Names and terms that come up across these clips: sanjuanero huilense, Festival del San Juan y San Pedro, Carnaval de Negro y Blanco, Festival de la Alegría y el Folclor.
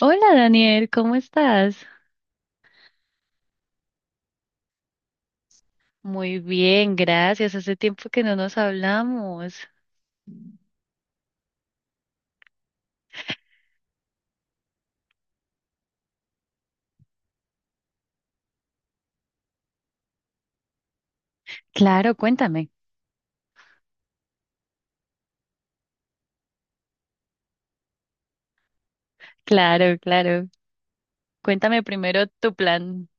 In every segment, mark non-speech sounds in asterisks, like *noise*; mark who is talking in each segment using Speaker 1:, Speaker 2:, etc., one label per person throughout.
Speaker 1: Hola Daniel, ¿cómo estás? Muy bien, gracias. Hace tiempo que no nos hablamos. Claro, cuéntame. Claro, claro. Cuéntame primero tu plan.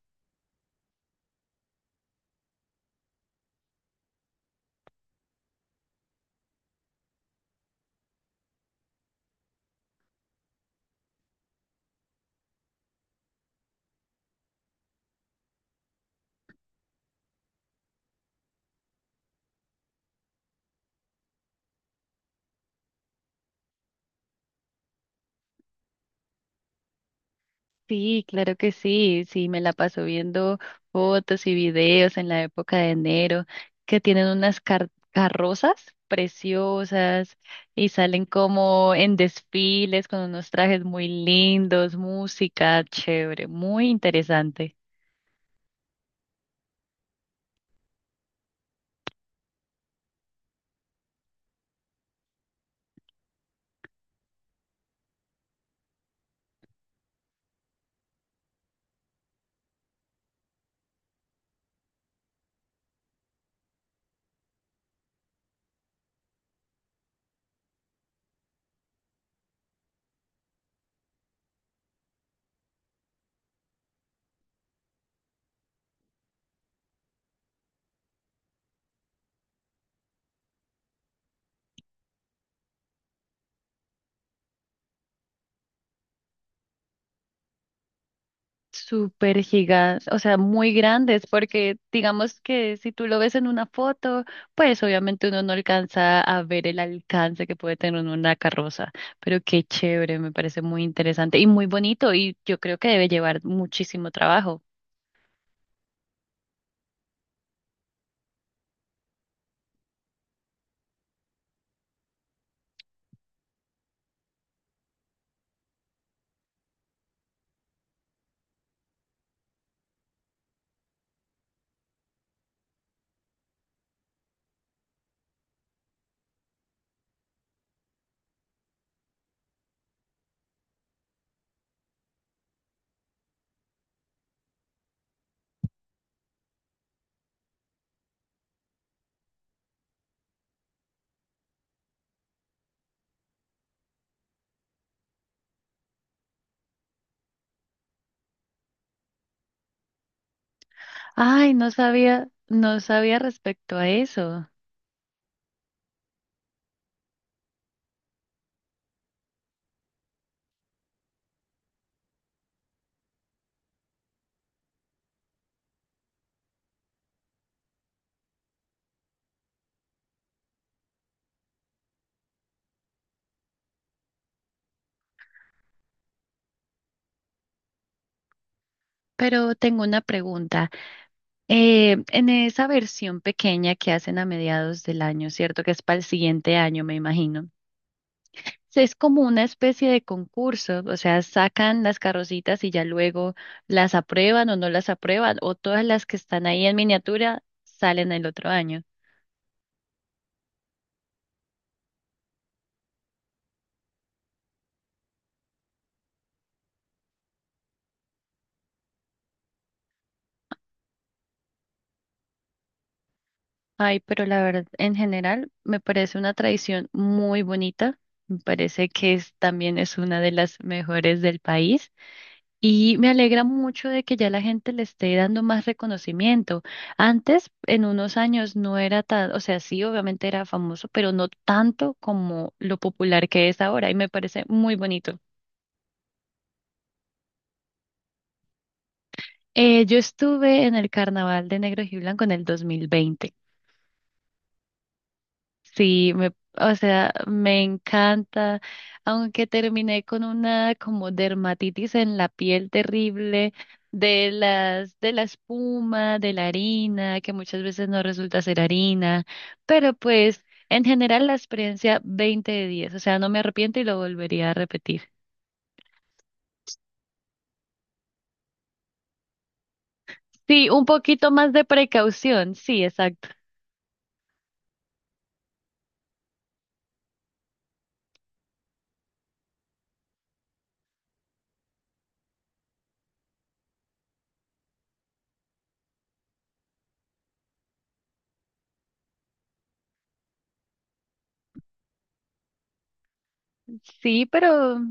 Speaker 1: Sí, claro que sí. Sí, me la paso viendo fotos y videos en la época de enero que tienen unas carrozas preciosas y salen como en desfiles con unos trajes muy lindos, música chévere, muy interesante. Súper gigas, o sea, muy grandes, porque digamos que si tú lo ves en una foto, pues obviamente uno no alcanza a ver el alcance que puede tener una carroza, pero qué chévere, me parece muy interesante y muy bonito y yo creo que debe llevar muchísimo trabajo. Ay, no sabía, no sabía respecto a eso. Pero tengo una pregunta. En esa versión pequeña que hacen a mediados del año, ¿cierto? Que es para el siguiente año, me imagino. Sí, es como una especie de concurso, o sea, sacan las carrocitas y ya luego las aprueban o no las aprueban, o todas las que están ahí en miniatura salen el otro año. Ay, pero la verdad, en general, me parece una tradición muy bonita, me parece que es, también es una de las mejores del país. Y me alegra mucho de que ya la gente le esté dando más reconocimiento. Antes, en unos años, no era tan, o sea, sí, obviamente era famoso, pero no tanto como lo popular que es ahora y me parece muy bonito. Yo estuve en el Carnaval de Negro y Blanco en el 2020. Sí, me, o sea, me encanta, aunque terminé con una como dermatitis en la piel terrible de las de la espuma, de la harina, que muchas veces no resulta ser harina, pero pues en general la experiencia 20 de 10, o sea, no me arrepiento y lo volvería a repetir. Sí, un poquito más de precaución, sí, exacto. Sí, pero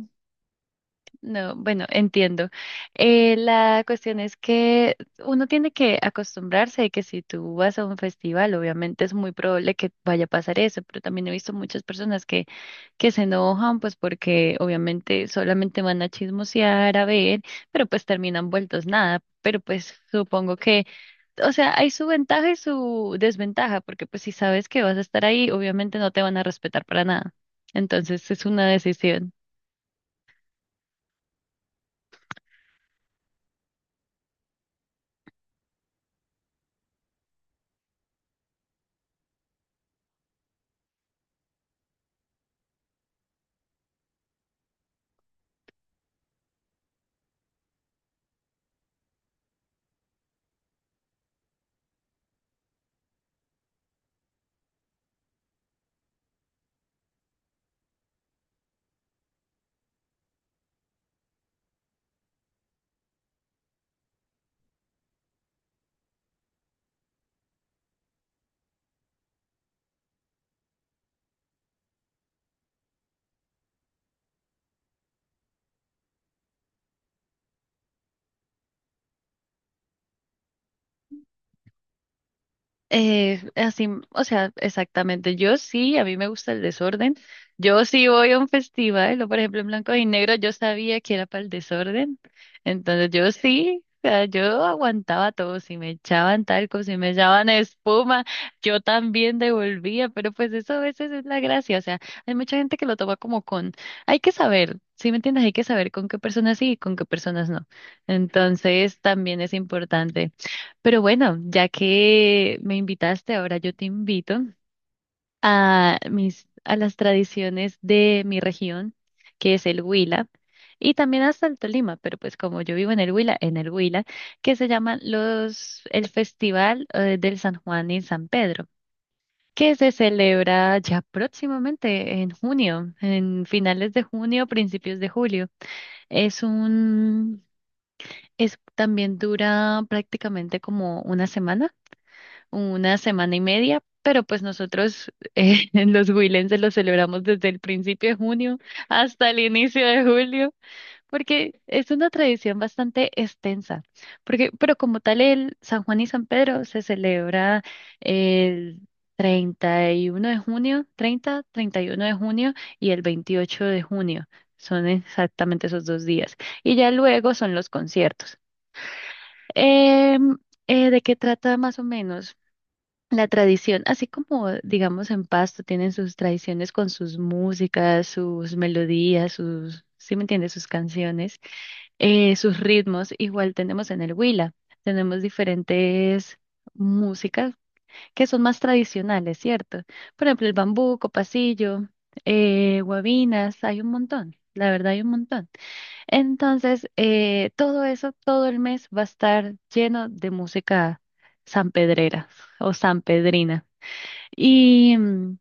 Speaker 1: no, bueno, entiendo. La cuestión es que uno tiene que acostumbrarse de que si tú vas a un festival, obviamente es muy probable que vaya a pasar eso, pero también he visto muchas personas que se enojan, pues porque obviamente solamente van a chismosear, a ver, pero pues terminan vueltos nada. Pero pues supongo que, o sea, hay su ventaja y su desventaja, porque pues si sabes que vas a estar ahí, obviamente no te van a respetar para nada. Entonces es una decisión. Así, o sea, exactamente. Yo sí, a mí me gusta el desorden. Yo sí voy a un festival, o por ejemplo en blanco y negro, yo sabía que era para el desorden. Entonces yo sí, o sea, yo aguantaba todo. Si me echaban talco, si me echaban espuma, yo también devolvía. Pero pues eso a veces es la gracia. O sea, hay mucha gente que lo toma como con, hay que saber, ¿sí me entiendes? Hay que saber con qué personas sí y con qué personas no. Entonces también es importante. Pero bueno, ya que me invitaste, ahora yo te invito a mis, a las tradiciones de mi región, que es el Huila, y también hasta el Tolima, pero pues como yo vivo en el Huila, que se llaman los, el Festival del San Juan y San Pedro, que se celebra ya próximamente en junio, en finales de junio, principios de julio. Es un, es, también dura prácticamente como una semana y media, pero pues nosotros *laughs* en los Huilenses lo celebramos desde el principio de junio hasta el inicio de julio, porque es una tradición bastante extensa, porque, pero como tal el San Juan y San Pedro se celebra el 31 de junio, 30, 31 de junio y el 28 de junio. Son exactamente esos dos días. Y ya luego son los conciertos. Em, ¿De qué trata más o menos? La tradición, así como digamos en Pasto tienen sus tradiciones con sus músicas, sus melodías, sus, ¿sí me entiendes? Sus canciones, sus ritmos, igual tenemos en el Huila, tenemos diferentes músicas que son más tradicionales, ¿cierto? Por ejemplo, el bambuco, pasillo, guabinas, hay un montón, la verdad hay un montón. Entonces, todo eso, todo el mes va a estar lleno de música sanpedrera o sanpedrina. Y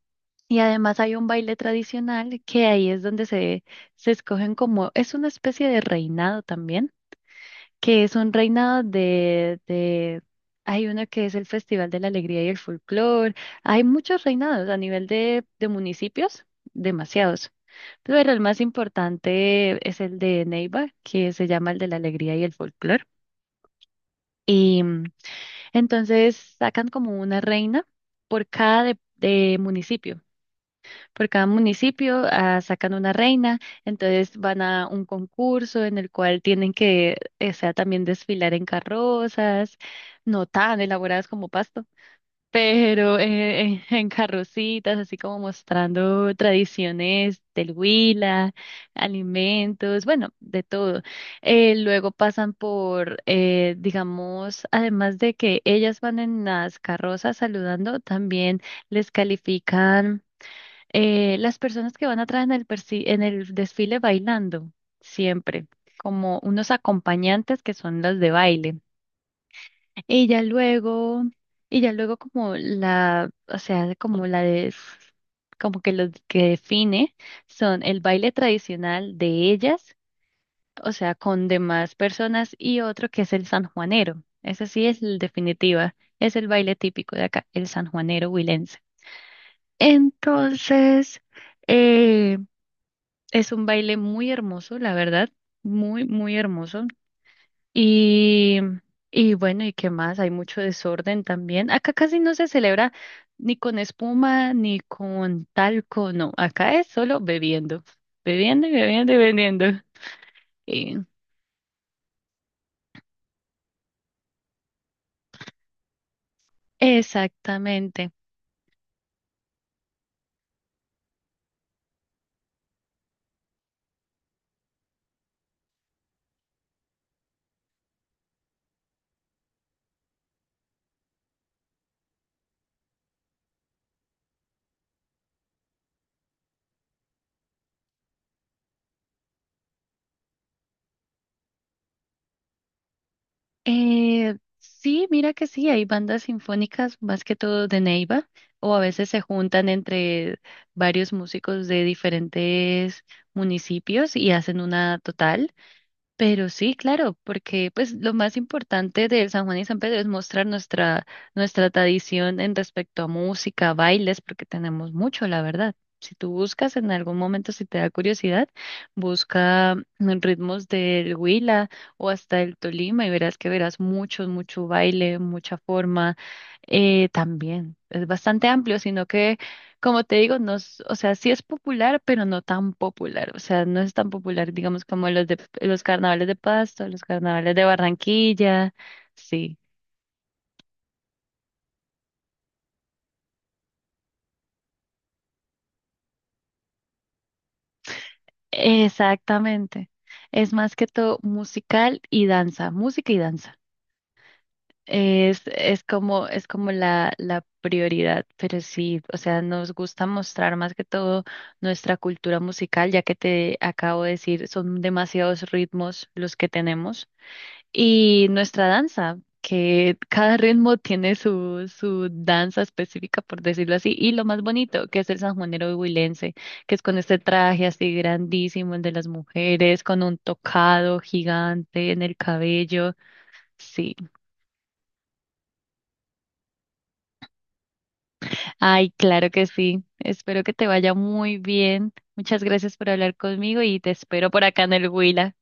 Speaker 1: y además hay un baile tradicional que ahí es donde se escogen como, es una especie de reinado también, que es un reinado de, hay uno que es el Festival de la Alegría y el Folclor, hay muchos reinados a nivel de municipios, demasiados, pero el más importante es el de Neiva, que se llama el de la Alegría y el Folclor. Y entonces sacan como una reina por cada de municipio. Por cada municipio ah, sacan una reina, entonces van a un concurso en el cual tienen que, o sea, también desfilar en carrozas, no tan elaboradas como Pasto, pero *laughs* en carrocitas, así como mostrando tradiciones del Huila, alimentos, bueno, de todo. Luego pasan por, digamos, además de que ellas van en las carrozas saludando, también les califican las personas que van atrás en el, en el desfile bailando, siempre, como unos acompañantes que son las de baile. Y ya luego, y ya luego como la, o sea, como la de, como que lo que define son el baile tradicional de ellas, o sea, con demás personas y otro que es el sanjuanero. Ese sí es el definitiva, es el baile típico de acá, el sanjuanero huilense. Entonces, eh, es un baile muy hermoso, la verdad, muy, muy hermoso. Y, y bueno, ¿y qué más? Hay mucho desorden también. Acá casi no se celebra ni con espuma, ni con talco, no. Acá es solo bebiendo, bebiendo y bebiendo y bebiendo. *laughs* Y- exactamente. Sí, mira que sí, hay bandas sinfónicas más que todo de Neiva, o a veces se juntan entre varios músicos de diferentes municipios y hacen una total. Pero sí, claro, porque pues lo más importante del San Juan y San Pedro es mostrar nuestra, nuestra tradición en respecto a música, bailes, porque tenemos mucho, la verdad. Si tú buscas en algún momento, si te da curiosidad, busca mm, ritmos del Huila o hasta el Tolima y verás que verás mucho, mucho baile, mucha forma. También es bastante amplio, sino que, como te digo, no, es- o sea, sí es popular, pero no tan popular. O sea, no es tan popular, digamos, como los de los carnavales de Pasto, los carnavales de Barranquilla. Sí, exactamente. Es más que todo musical y danza, música y danza. Es como la prioridad, pero sí, o sea, nos gusta mostrar más que todo nuestra cultura musical, ya que te acabo de decir, son demasiados ritmos los que tenemos, y nuestra danza, que cada ritmo tiene su, su danza específica, por decirlo así, y lo más bonito, que es el sanjuanero huilense, que es con este traje así grandísimo, el de las mujeres, con un tocado gigante en el cabello, sí. Ay, claro que sí. Espero que te vaya muy bien. Muchas gracias por hablar conmigo y te espero por acá en el Huila.